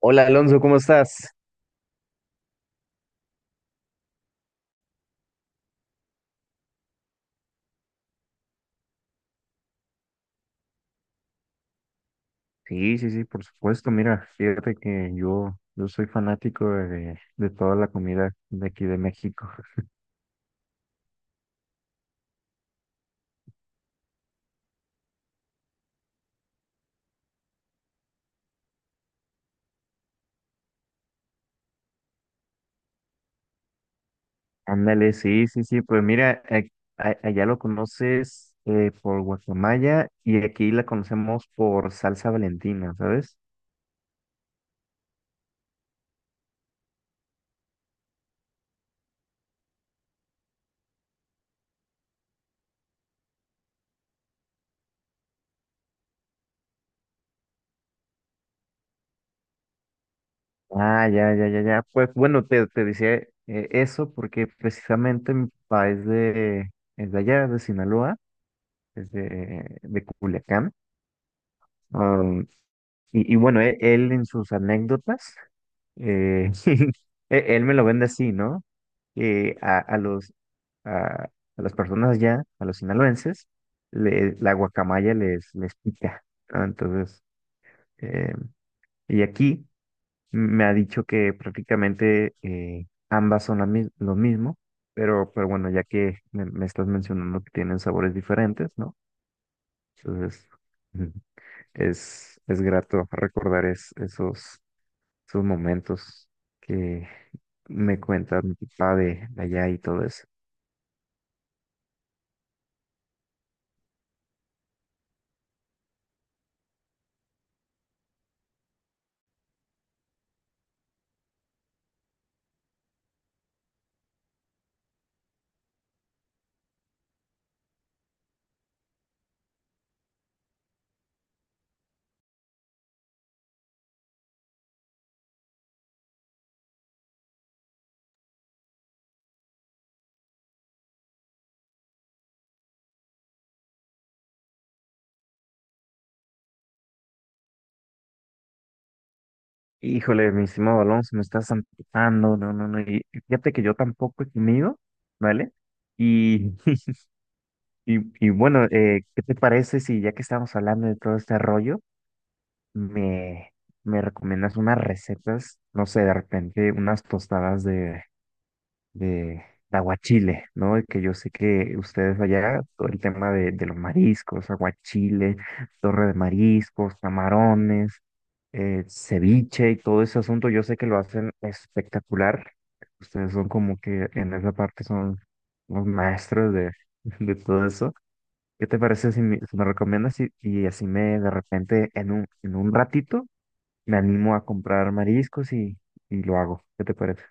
Hola Alonso, ¿cómo estás? Sí, sí, sí, por supuesto. Mira, fíjate que yo soy fanático de toda la comida de aquí de México. Ándale, sí, sí, sí. Pues mira, allá lo conoces por guacamaya y aquí la conocemos por salsa Valentina, ¿sabes? Ah, ya, ya, ya, ya. Pues bueno, te decía eso porque precisamente mi papá es de allá, de Sinaloa, es de Culiacán. Y bueno, él, en sus anécdotas, eh, él me lo vende así, ¿no? Que a las personas allá, a los sinaloenses, la guacamaya les pica, ¿no? Entonces, eh, y aquí me ha dicho que prácticamente ambas son lo mismo, pero bueno, ya que me estás mencionando que tienen sabores diferentes, ¿no? Entonces, mm, es grato recordar esos sus momentos que me cuenta mi papá de allá y todo eso. Híjole, mi estimado Alonso, me estás amputando, no, no, no, y fíjate que yo tampoco he comido, ¿vale? Y, y, y bueno, ¿qué te parece si ya que estamos hablando de todo este rollo, me, me recomiendas unas recetas, no sé, de repente unas tostadas de, de aguachile, ¿no? Y que yo sé que ustedes allá, todo el tema de los mariscos, aguachile, torre de mariscos, camarones, ceviche y todo ese asunto, yo sé que lo hacen espectacular. Ustedes son como que en esa parte son los maestros de, de todo eso. ¿Qué te parece si si me recomiendas y así me de repente en en un ratito me animo a comprar mariscos y lo hago? ¿Qué te parece?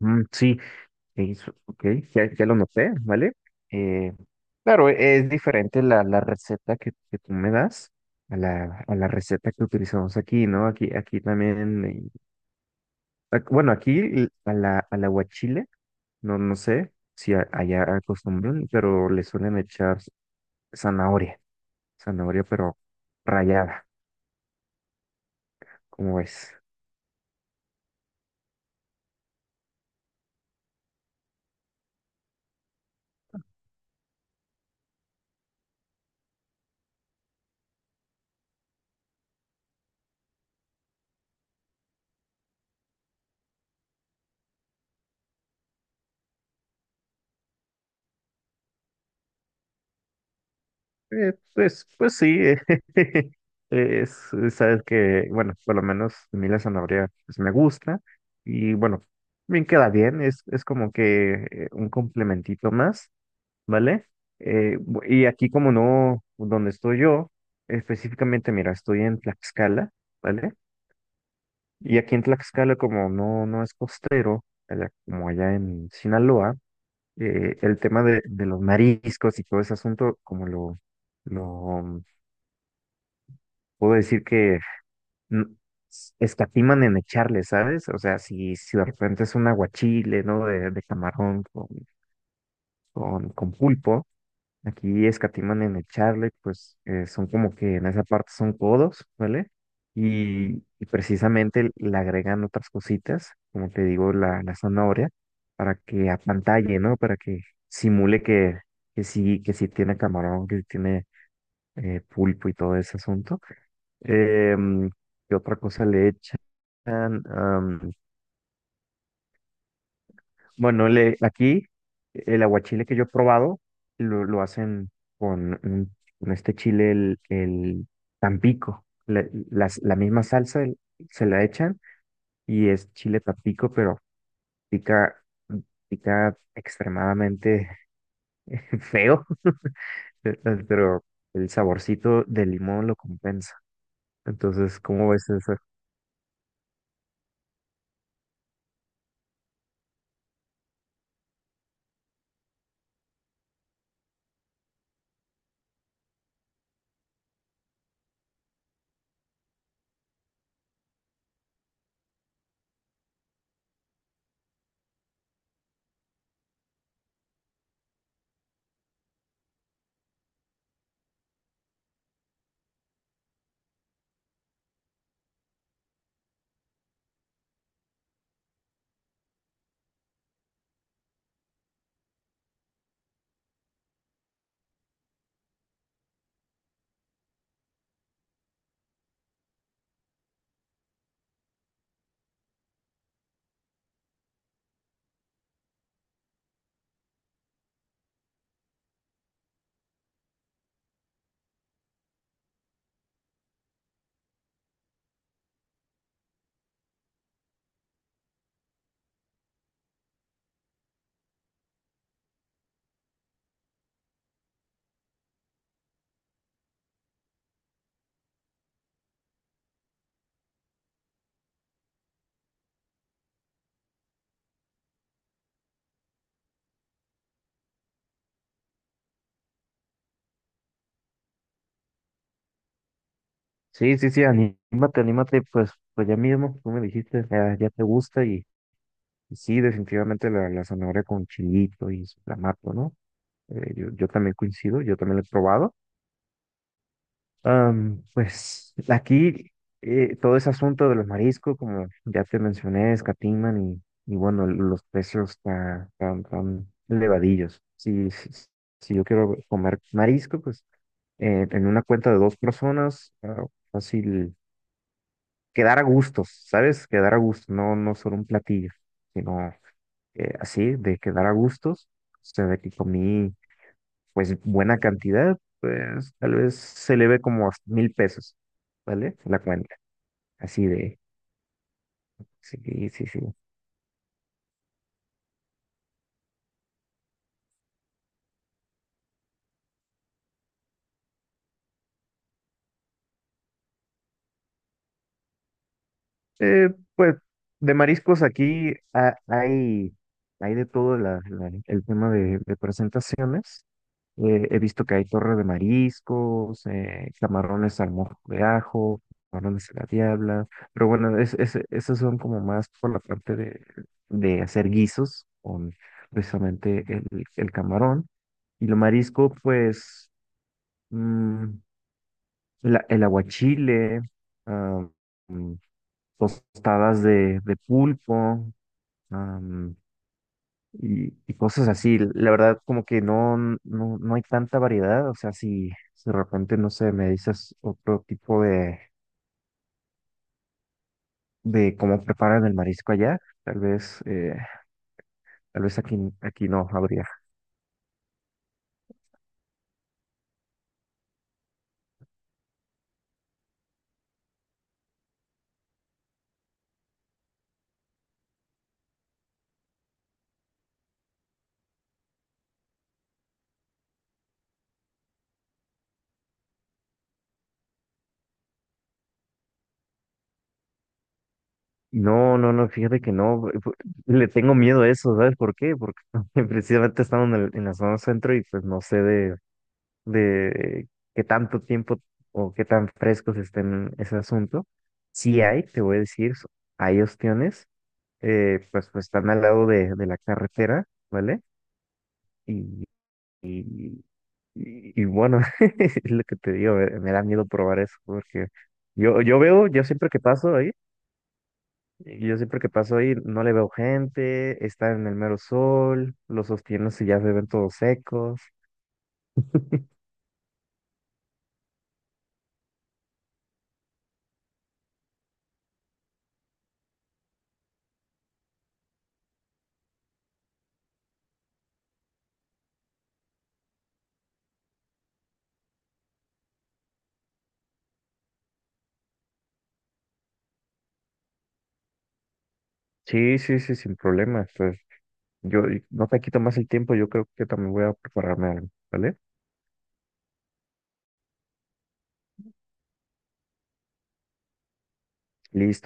Mm, sí, ok, ya, ya lo noté, ¿vale? Eh, claro, es diferente la receta que tú me das a a la receta que utilizamos aquí, ¿no? Aquí, aquí también, bueno, aquí a la guachile, no, no sé si allá acostumbran, pero le suelen echar zanahoria, zanahoria pero rallada, ¿cómo es? Pues, pues sí, es, sabes que, bueno, por lo menos a mí la zanahoria pues, me gusta y bueno, bien queda bien, es como que un complementito más, ¿vale? Y aquí como no, donde estoy yo, específicamente, mira, estoy en Tlaxcala, ¿vale? Y aquí en Tlaxcala como no, no es costero, como allá en Sinaloa, el tema de los mariscos y todo ese asunto como lo puedo decir que n- escatiman en echarle, ¿sabes? O sea, si, si de repente es un aguachile, ¿no? De camarón con pulpo, aquí escatiman en echarle, pues son como que en esa parte son codos, ¿vale? Y precisamente le agregan otras cositas, como te digo, la zanahoria, para que apantalle, ¿no? Para que simule que sí tiene camarón, que sí tiene pulpo y todo ese asunto. Em, ¿Qué otra cosa le echan? Am, bueno, le, aquí el aguachile que yo he probado lo hacen con, con este chile, el Tampico. La misma salsa se la echan y es chile Tampico, pero pica, pica extremadamente feo, pero el saborcito de limón lo compensa. Entonces, ¿cómo ves eso? Sí, sí, sí, anímate, anímate, pues, pues ya mismo, tú me dijiste, ya, ya te gusta y sí, definitivamente la zanahoria con chilito y su clamato, ¿no? Yo también coincido, yo también lo he probado. Pues aquí todo ese asunto de los mariscos, como ya te mencioné, escatiman y bueno, los precios tan, tan, tan elevadillos. Si, si, si yo quiero comer marisco, pues en una cuenta de dos personas, ah, fácil. Quedar a gustos, ¿sabes? Quedar a gustos, no, no solo un platillo, sino así, de quedar a gustos, o sea, de que comí pues buena cantidad, pues tal vez se le ve como a mil pesos, ¿vale? La cuenta, así de, sí, sí, sí. Eh, pues de mariscos aquí ah, hay de todo el tema de presentaciones. He visto que hay torre de mariscos, camarones al mojo de ajo, camarones a la diabla, pero bueno, es, esos son como más por la parte de hacer guisos con precisamente el camarón. Y lo marisco, pues, mm, el aguachile, ah, mm, tostadas de pulpo, y cosas así. La verdad, como que no, no, no hay tanta variedad. O sea, si, si de repente, no sé, me dices otro tipo de cómo preparan el marisco allá, tal vez aquí, aquí no habría. No, no, no, fíjate que no, le tengo miedo a eso, ¿sabes por qué? Porque precisamente estamos en, en la zona centro y pues no sé de qué tanto tiempo o qué tan frescos estén ese asunto. Sí hay, te voy a decir, hay opciones, pues, pues están al lado de la carretera, ¿vale? Y, y bueno, es lo que te digo, me da miedo probar eso, porque yo veo, yo siempre que paso ahí, y yo siempre que paso ahí no le veo gente, está en el mero sol, los sostienes y ya se ven todos secos. Sí, sí, sí, sin problema. Pues yo y no te quito más el tiempo, yo creo que también voy a prepararme algo, ¿vale? Listo.